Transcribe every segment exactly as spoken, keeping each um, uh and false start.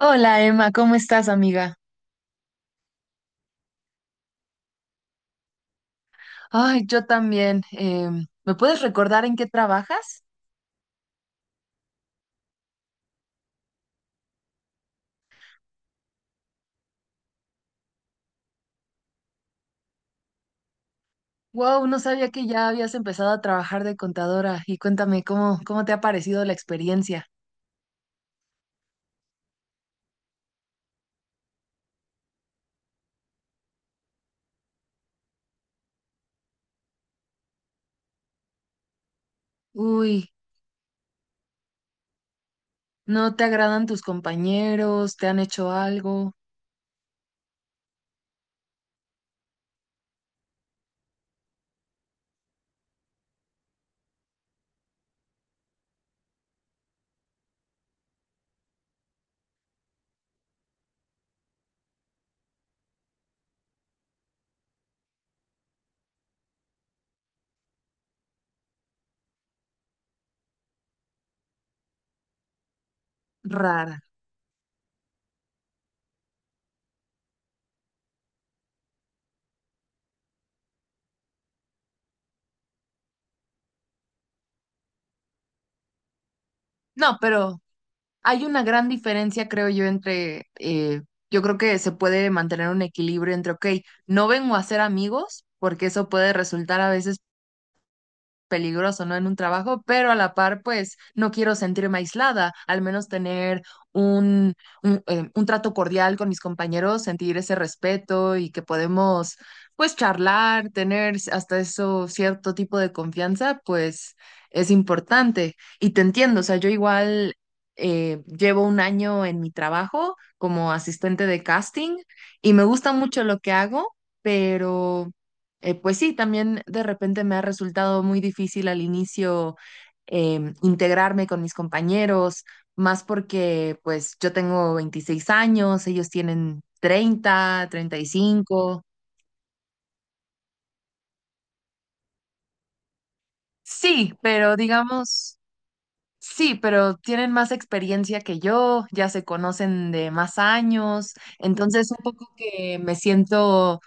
Hola Emma, ¿cómo estás, amiga? Ay, yo también. Em, ¿me puedes recordar en qué trabajas? Wow, no sabía que ya habías empezado a trabajar de contadora y cuéntame cómo, cómo te ha parecido la experiencia. Uy, ¿no te agradan tus compañeros? ¿Te han hecho algo? Rara. No, pero hay una gran diferencia, creo yo, entre, eh, yo creo que se puede mantener un equilibrio entre, ok, no vengo a ser amigos, porque eso puede resultar a veces peligroso, ¿no? En un trabajo, pero a la par, pues no quiero sentirme aislada, al menos tener un, un, eh, un trato cordial con mis compañeros, sentir ese respeto y que podemos, pues, charlar, tener hasta eso cierto tipo de confianza, pues es importante. Y te entiendo, o sea, yo igual eh, llevo un año en mi trabajo como asistente de casting y me gusta mucho lo que hago, pero... Eh, pues sí, también de repente me ha resultado muy difícil al inicio em, integrarme con mis compañeros, más porque pues yo tengo veintiséis años, ellos tienen treinta, treinta y cinco. Sí, pero digamos, sí, pero tienen más experiencia que yo, ya se conocen de más años, entonces un poco que me siento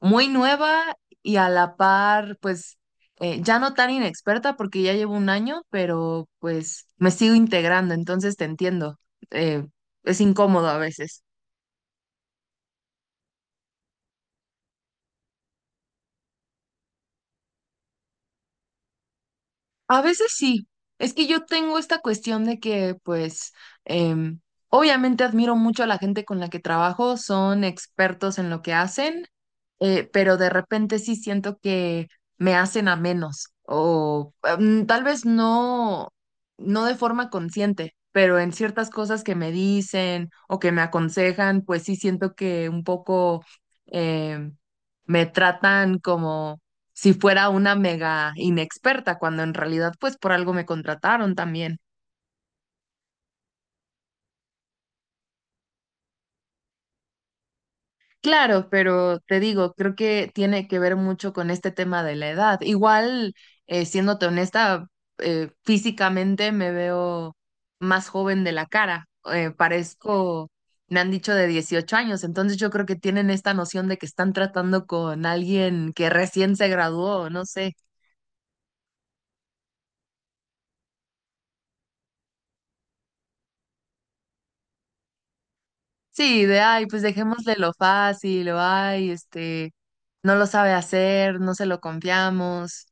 muy nueva y a la par, pues eh, ya no tan inexperta porque ya llevo un año, pero pues me sigo integrando, entonces te entiendo. Eh, es incómodo a veces. A veces sí. Es que yo tengo esta cuestión de que, pues, em, obviamente admiro mucho a la gente con la que trabajo, son expertos en lo que hacen, eh, pero de repente sí siento que me hacen a menos o mm, tal vez no, no de forma consciente, pero en ciertas cosas que me dicen o que me aconsejan, pues sí siento que un poco eh, me tratan como si fuera una mega inexperta, cuando en realidad pues por algo me contrataron también. Claro, pero te digo, creo que tiene que ver mucho con este tema de la edad. Igual, eh, siéndote honesta, eh, físicamente me veo más joven de la cara. Eh, parezco, me han dicho de dieciocho años, entonces yo creo que tienen esta noción de que están tratando con alguien que recién se graduó, no sé. Sí, de, ay, pues dejémosle lo fácil, o ay, este, no lo sabe hacer, no se lo confiamos.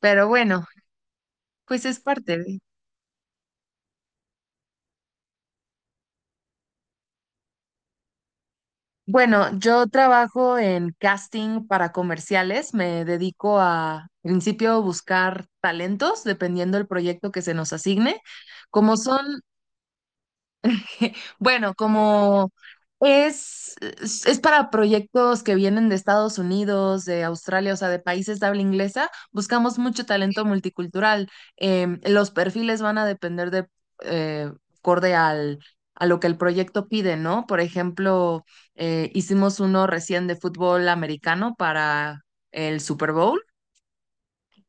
Pero bueno, pues es parte. De. Bueno, yo trabajo en casting para comerciales. Me dedico a, en principio, buscar talentos dependiendo del proyecto que se nos asigne. Como son bueno, como es, es, es para proyectos que vienen de Estados Unidos, de Australia, o sea, de países de habla inglesa, buscamos mucho talento multicultural. Em, los perfiles van a depender de, eh, acorde al, a lo que el proyecto pide, ¿no? Por ejemplo, eh, hicimos uno recién de fútbol americano para el Super Bowl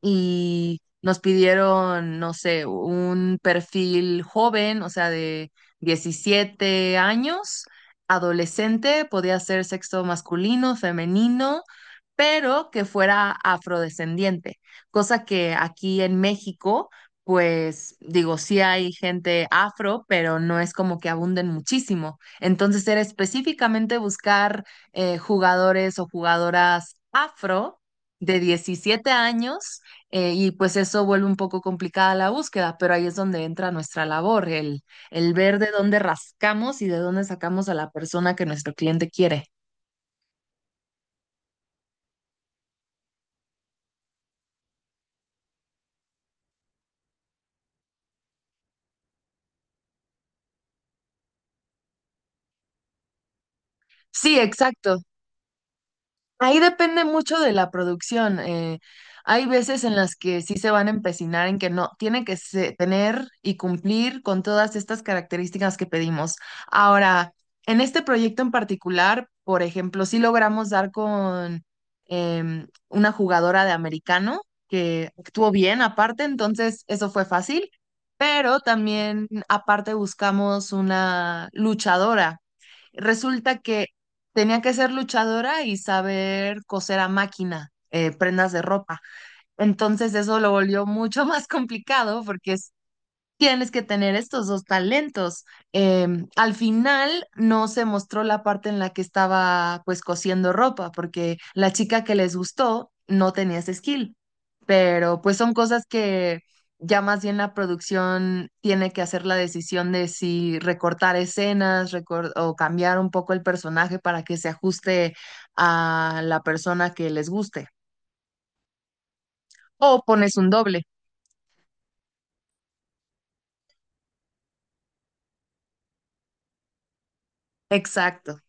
y nos pidieron, no sé, un perfil joven, o sea, de diecisiete años, adolescente, podía ser sexo masculino, femenino pero que fuera afrodescendiente, cosa que aquí en México, pues digo, sí hay gente afro, pero no es como que abunden muchísimo. Entonces era específicamente buscar eh, jugadores o jugadoras afro de diecisiete años eh, y pues eso vuelve un poco complicada la búsqueda, pero ahí es donde entra nuestra labor, el, el ver de dónde rascamos y de dónde sacamos a la persona que nuestro cliente quiere. Sí, exacto. Ahí depende mucho de la producción. Eh, hay veces en las que sí se van a empecinar en que no, tiene que se- tener y cumplir con todas estas características que pedimos. Ahora, en este proyecto en particular, por ejemplo, sí logramos dar con em, una jugadora de americano que actuó bien aparte, entonces eso fue fácil, pero también aparte buscamos una luchadora. Resulta que tenía que ser luchadora y saber coser a máquina, eh, prendas de ropa. Entonces eso lo volvió mucho más complicado porque tienes que tener estos dos talentos. Em, al final no se mostró la parte en la que estaba pues cosiendo ropa, porque la chica que les gustó no tenía ese skill, pero pues son cosas que ya más bien la producción tiene que hacer la decisión de si recortar escenas recor- o cambiar un poco el personaje para que se ajuste a la persona que les guste. O pones un doble. Exacto.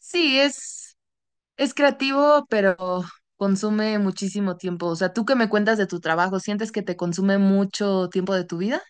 Sí, es... Es creativo, pero consume muchísimo tiempo. O sea, ¿tú qué me cuentas de tu trabajo? ¿Sientes que te consume mucho tiempo de tu vida?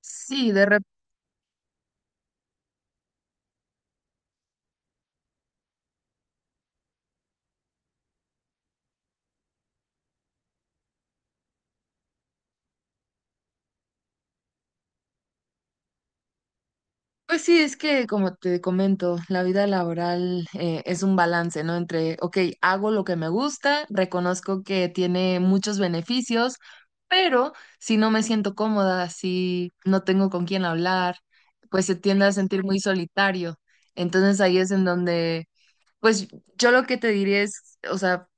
Sí, de repente, pues sí, es que como te comento, la vida laboral eh, es un balance, ¿no? Entre, ok, hago lo que me gusta, reconozco que tiene muchos beneficios, pero si no me siento cómoda, si no tengo con quién hablar, pues se tiende a sentir muy solitario. Entonces ahí es en donde pues yo lo que te diría es, o sea,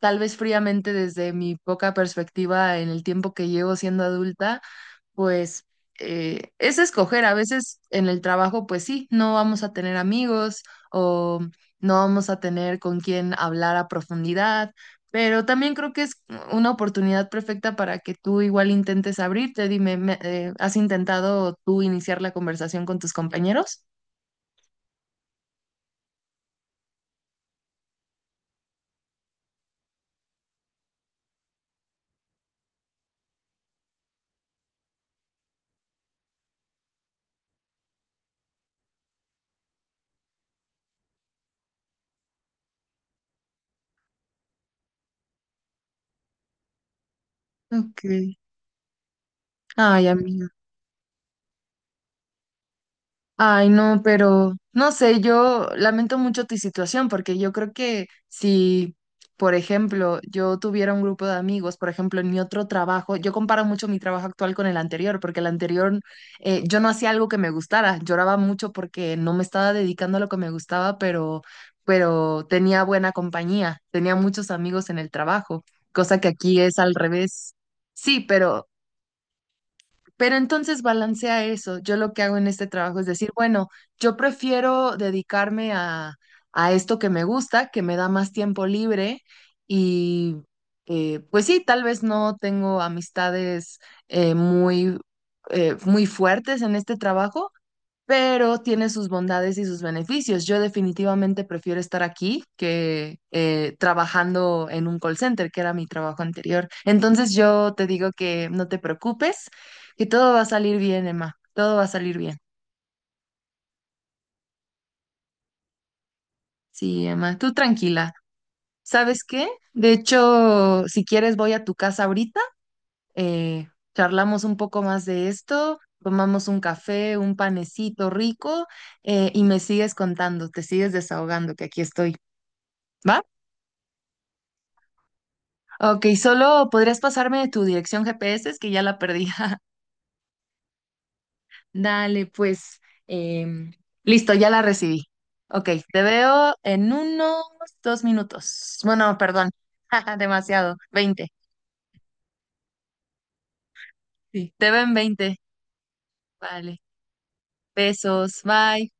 tal vez fríamente desde mi poca perspectiva en el tiempo que llevo siendo adulta, pues eh, es escoger. A veces en el trabajo, pues sí, no vamos a tener amigos o no vamos a tener con quién hablar a profundidad, pero también creo que es una oportunidad perfecta para que tú igual intentes abrirte. Dime, me- eh, ¿has intentado tú iniciar la conversación con tus compañeros? Ok. Ay, amiga. Ay, no, pero no sé, yo lamento mucho tu situación porque yo creo que si, por ejemplo, yo tuviera un grupo de amigos, por ejemplo, en mi otro trabajo, yo comparo mucho mi trabajo actual con el anterior, porque el anterior eh, yo no hacía algo que me gustara, lloraba mucho porque no me estaba dedicando a lo que me gustaba, pero, pero tenía buena compañía, tenía muchos amigos en el trabajo, cosa que aquí es al revés. Sí, pero... Pero entonces balancea eso. Yo lo que hago en este trabajo es decir, bueno, yo prefiero dedicarme a, a esto que me gusta, que me da más tiempo libre y eh, pues sí, tal vez no tengo amistades eh, muy, eh, muy fuertes en este trabajo, pero tiene sus bondades y sus beneficios. Yo definitivamente prefiero estar aquí que eh, trabajando en un call center, que era mi trabajo anterior. Entonces yo te digo que no te preocupes, que todo va a salir bien, Emma. Todo va a salir bien. Sí, Emma, tú tranquila. ¿Sabes qué? De hecho, si quieres voy a tu casa ahorita, eh, charlamos un poco más de esto. Tomamos un café, un panecito rico eh, y me sigues contando, te sigues desahogando, que aquí estoy. ¿Va? Ok, solo podrías pasarme tu dirección G P S, es que ya la perdí. Dale, pues. em, Listo, ya la recibí. Ok, te veo en unos dos minutos. Bueno, perdón. Demasiado. Veinte. Sí, te veo en veinte. Vale. Besos. Bye.